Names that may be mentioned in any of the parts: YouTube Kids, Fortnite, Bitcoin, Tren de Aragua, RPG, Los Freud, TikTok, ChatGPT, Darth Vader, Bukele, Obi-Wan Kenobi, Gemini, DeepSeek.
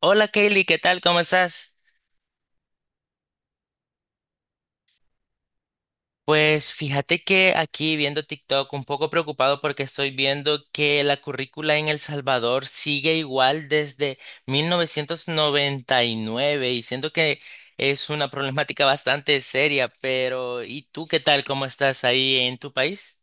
Hola Kaylee, ¿qué tal? ¿Cómo estás? Pues fíjate que aquí viendo TikTok un poco preocupado porque estoy viendo que la currícula en El Salvador sigue igual desde 1999 y siento que es una problemática bastante seria, pero ¿y tú qué tal? ¿Cómo estás ahí en tu país?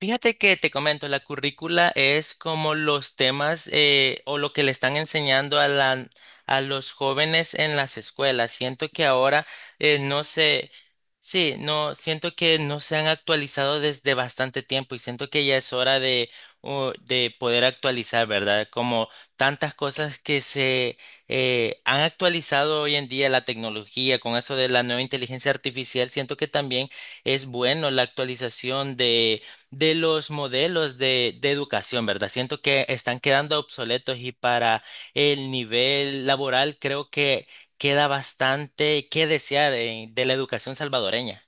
Fíjate que te comento, la currícula es como los temas o lo que le están enseñando a los jóvenes en las escuelas. Siento que ahora no se, sí, no, siento que no se han actualizado desde bastante tiempo y siento que ya es hora de poder actualizar, ¿verdad? Como tantas cosas que se han actualizado hoy en día, la tecnología, con eso de la nueva inteligencia artificial, siento que también es bueno la actualización de los modelos de educación, ¿verdad? Siento que están quedando obsoletos y para el nivel laboral creo que queda bastante que desear de la educación salvadoreña.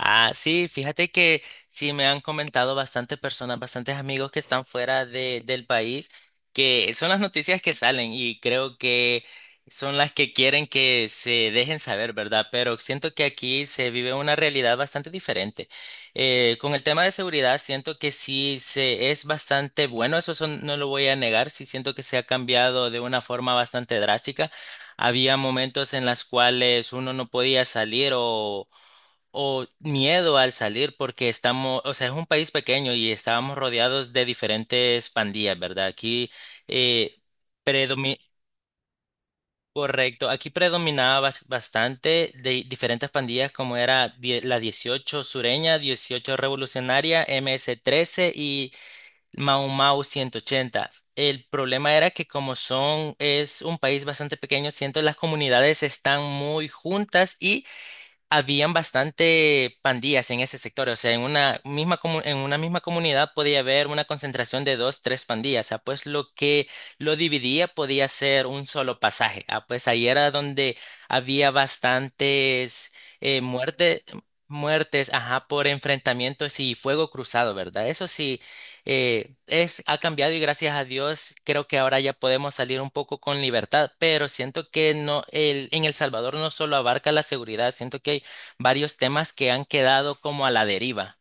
Ah, sí, fíjate que sí me han comentado bastantes personas, bastantes amigos que están fuera del país, que son las noticias que salen y creo que son las que quieren que se dejen saber, ¿verdad? Pero siento que aquí se vive una realidad bastante diferente. Con el tema de seguridad, siento que sí se es bastante bueno, no lo voy a negar, sí siento que se ha cambiado de una forma bastante drástica. Había momentos en las cuales uno no podía salir o miedo al salir porque estamos, o sea, es un país pequeño y estábamos rodeados de diferentes pandillas, ¿verdad? Aquí eh, predomi- correcto, aquí predominaba bastante de diferentes pandillas como era la 18 sureña, 18 revolucionaria, MS-13 y Mau Mau 180. El problema era que es un país bastante pequeño, siento las comunidades están muy juntas, habían bastante pandillas en ese sector, o sea, en una misma en una misma comunidad podía haber una concentración de dos, tres pandillas, ah, pues lo que lo dividía podía ser un solo pasaje, ah, pues ahí era donde había bastantes eh, muerte- muertes, ajá, por enfrentamientos y fuego cruzado, ¿verdad? Eso sí, ha cambiado y gracias a Dios creo que ahora ya podemos salir un poco con libertad, pero siento que no, en El Salvador no solo abarca la seguridad, siento que varios temas que han quedado como a la deriva.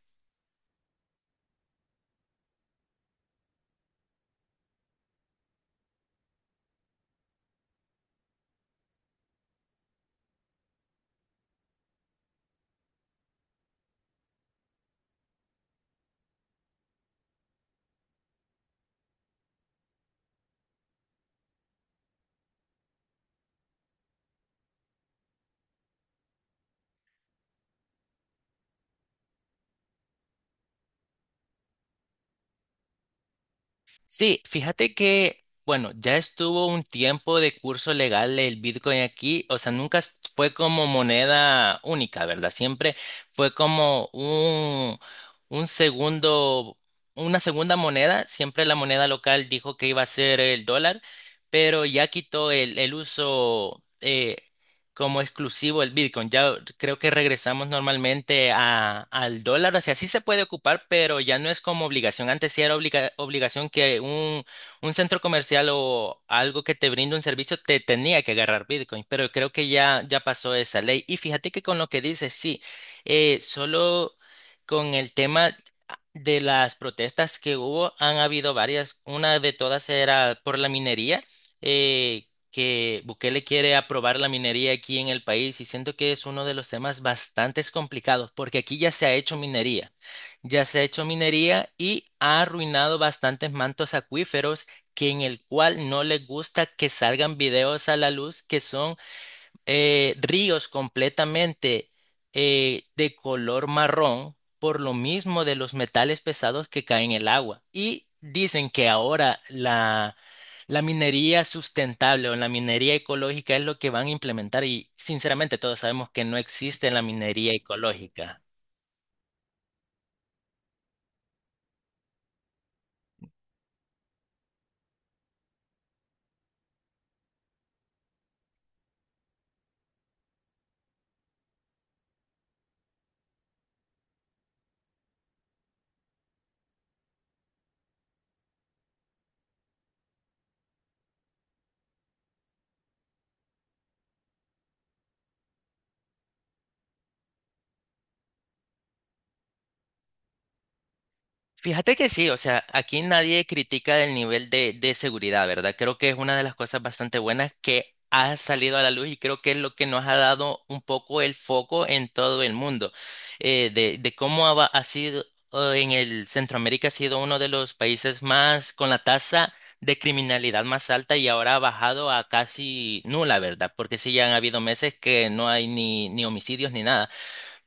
Sí, fíjate que, bueno, ya estuvo un tiempo de curso legal el Bitcoin aquí, o sea, nunca fue como moneda única, ¿verdad? Siempre fue como un segundo, una segunda moneda, siempre la moneda local dijo que iba a ser el dólar, pero ya quitó el uso. Como exclusivo el Bitcoin. Ya creo que regresamos normalmente al dólar, o sea, sí se puede ocupar, pero ya no es como obligación. Antes sí era obligación que un centro comercial o algo que te brinde un servicio te tenía que agarrar Bitcoin, pero creo que ya pasó esa ley. Y fíjate que con lo que dices, sí, solo con el tema. De las protestas que hubo, han habido varias. Una de todas era por la minería. eh, que Bukele quiere aprobar la minería aquí en el país y siento que es uno de los temas bastante complicados porque aquí ya se ha hecho minería, ya se ha hecho minería y ha arruinado bastantes mantos acuíferos que en el cual no les gusta que salgan videos a la luz que son ríos completamente de color marrón por lo mismo de los metales pesados que caen en el agua. Y dicen que ahora la minería sustentable o la minería ecológica es lo que van a implementar y sinceramente todos sabemos que no existe la minería ecológica. Fíjate que sí, o sea, aquí nadie critica el nivel de seguridad, ¿verdad? Creo que es una de las cosas bastante buenas que ha salido a la luz y creo que es lo que nos ha dado un poco el foco en todo el mundo, de cómo ha sido en el Centroamérica, ha sido uno de los países más con la tasa de criminalidad más alta y ahora ha bajado a casi nula, ¿verdad? Porque sí, ya han habido meses que no hay ni homicidios ni nada,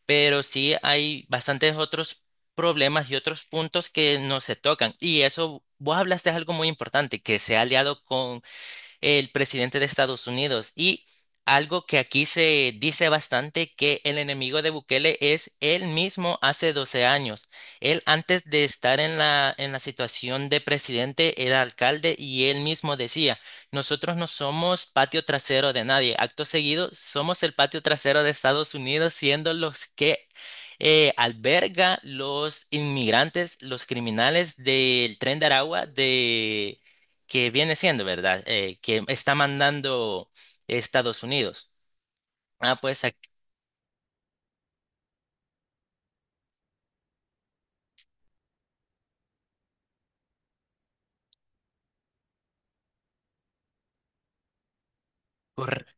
pero sí hay bastantes otros problemas y otros puntos que no se tocan. Y eso, vos hablaste de algo muy importante, que se ha aliado con el presidente de Estados Unidos. Y algo que aquí se dice bastante, que el enemigo de Bukele es él mismo hace 12 años. Él antes de estar en la situación de presidente era alcalde y él mismo decía, nosotros no somos patio trasero de nadie. Acto seguido, somos el patio trasero de Estados Unidos siendo los que alberga los inmigrantes, los criminales del Tren de Aragua, de que viene siendo, ¿verdad? Que está mandando Estados Unidos. Ah, pues corre-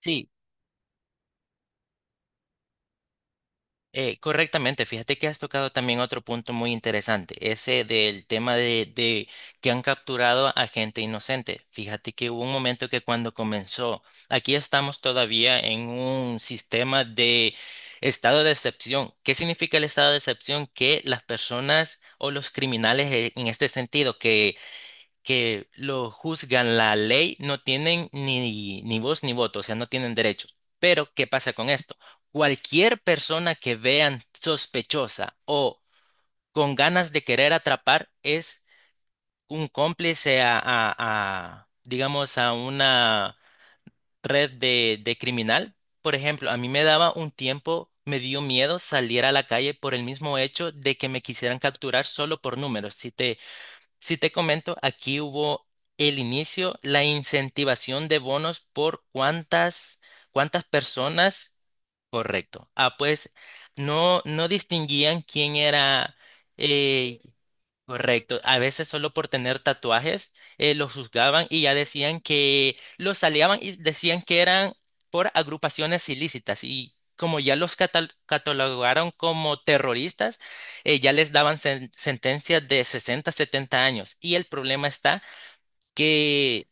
sí, correctamente. Fíjate que has tocado también otro punto muy interesante, ese del tema de que han capturado a gente inocente. Fíjate que hubo un momento que cuando comenzó, aquí estamos todavía en un sistema de estado de excepción. ¿Qué significa el estado de excepción? Que las personas o los criminales en este sentido que lo juzgan la ley no tienen ni voz ni voto, o sea, no tienen derechos. Pero, ¿qué pasa con esto? Cualquier persona que vean sospechosa o con ganas de querer atrapar es un cómplice digamos, a una red de criminal. Por ejemplo, a mí me daba un tiempo, me dio miedo salir a la calle por el mismo hecho de que me quisieran capturar solo por números. Si te comento, aquí hubo el inicio, la incentivación de bonos por cuántas personas. Correcto. Ah, pues no, no distinguían quién era. eh, Correcto. A veces solo por tener tatuajes los juzgaban y ya decían que los aleaban y decían que eran por agrupaciones ilícitas. Y como ya los catalogaron como terroristas, ya les daban sentencias de 60, 70 años. Y el problema está que.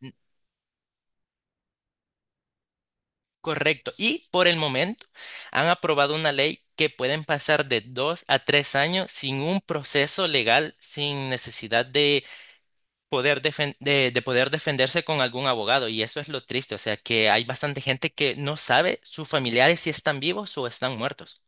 Correcto. Y por el momento han aprobado una ley que pueden pasar de 2 a 3 años sin un proceso legal, sin necesidad de poder defenderse con algún abogado. Y eso es lo triste. O sea, que hay bastante gente que no sabe sus familiares si están vivos o están muertos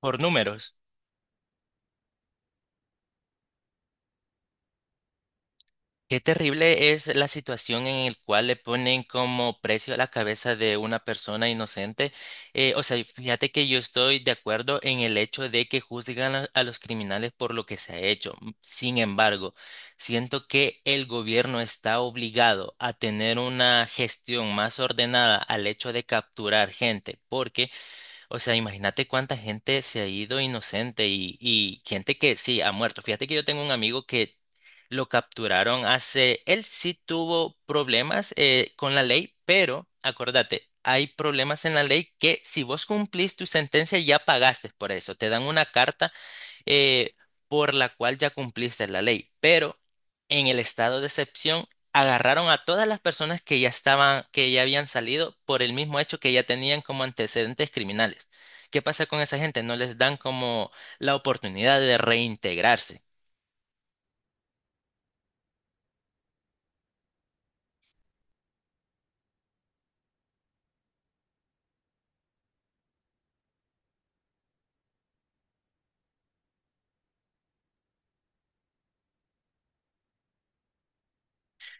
por números. Qué terrible es la situación en el cual le ponen como precio a la cabeza de una persona inocente. O sea, fíjate que yo estoy de acuerdo en el hecho de que juzgan a los criminales por lo que se ha hecho. Sin embargo, siento que el gobierno está obligado a tener una gestión más ordenada al hecho de capturar gente, porque o sea, imagínate cuánta gente se ha ido inocente y gente que sí ha muerto. Fíjate que yo tengo un amigo que lo capturaron él sí tuvo problemas con la ley, pero acuérdate, hay problemas en la ley que si vos cumplís tu sentencia ya pagaste por eso. Te dan una carta eh, por la cual ya cumpliste la ley. Pero en el estado de excepción agarraron a todas las personas que ya habían salido por el mismo hecho que ya tenían como antecedentes criminales. ¿Qué pasa con esa gente? No les dan como la oportunidad de reintegrarse.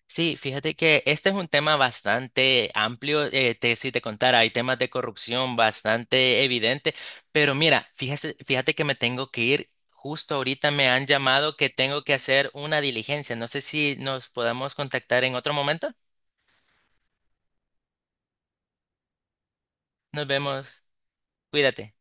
Sí, fíjate que este es un tema bastante amplio. Si te contara, hay temas de corrupción bastante evidente, pero mira, fíjate que me tengo que ir. Justo ahorita me han llamado que tengo que hacer una diligencia. No sé si nos podamos contactar en otro momento. Nos vemos. Cuídate.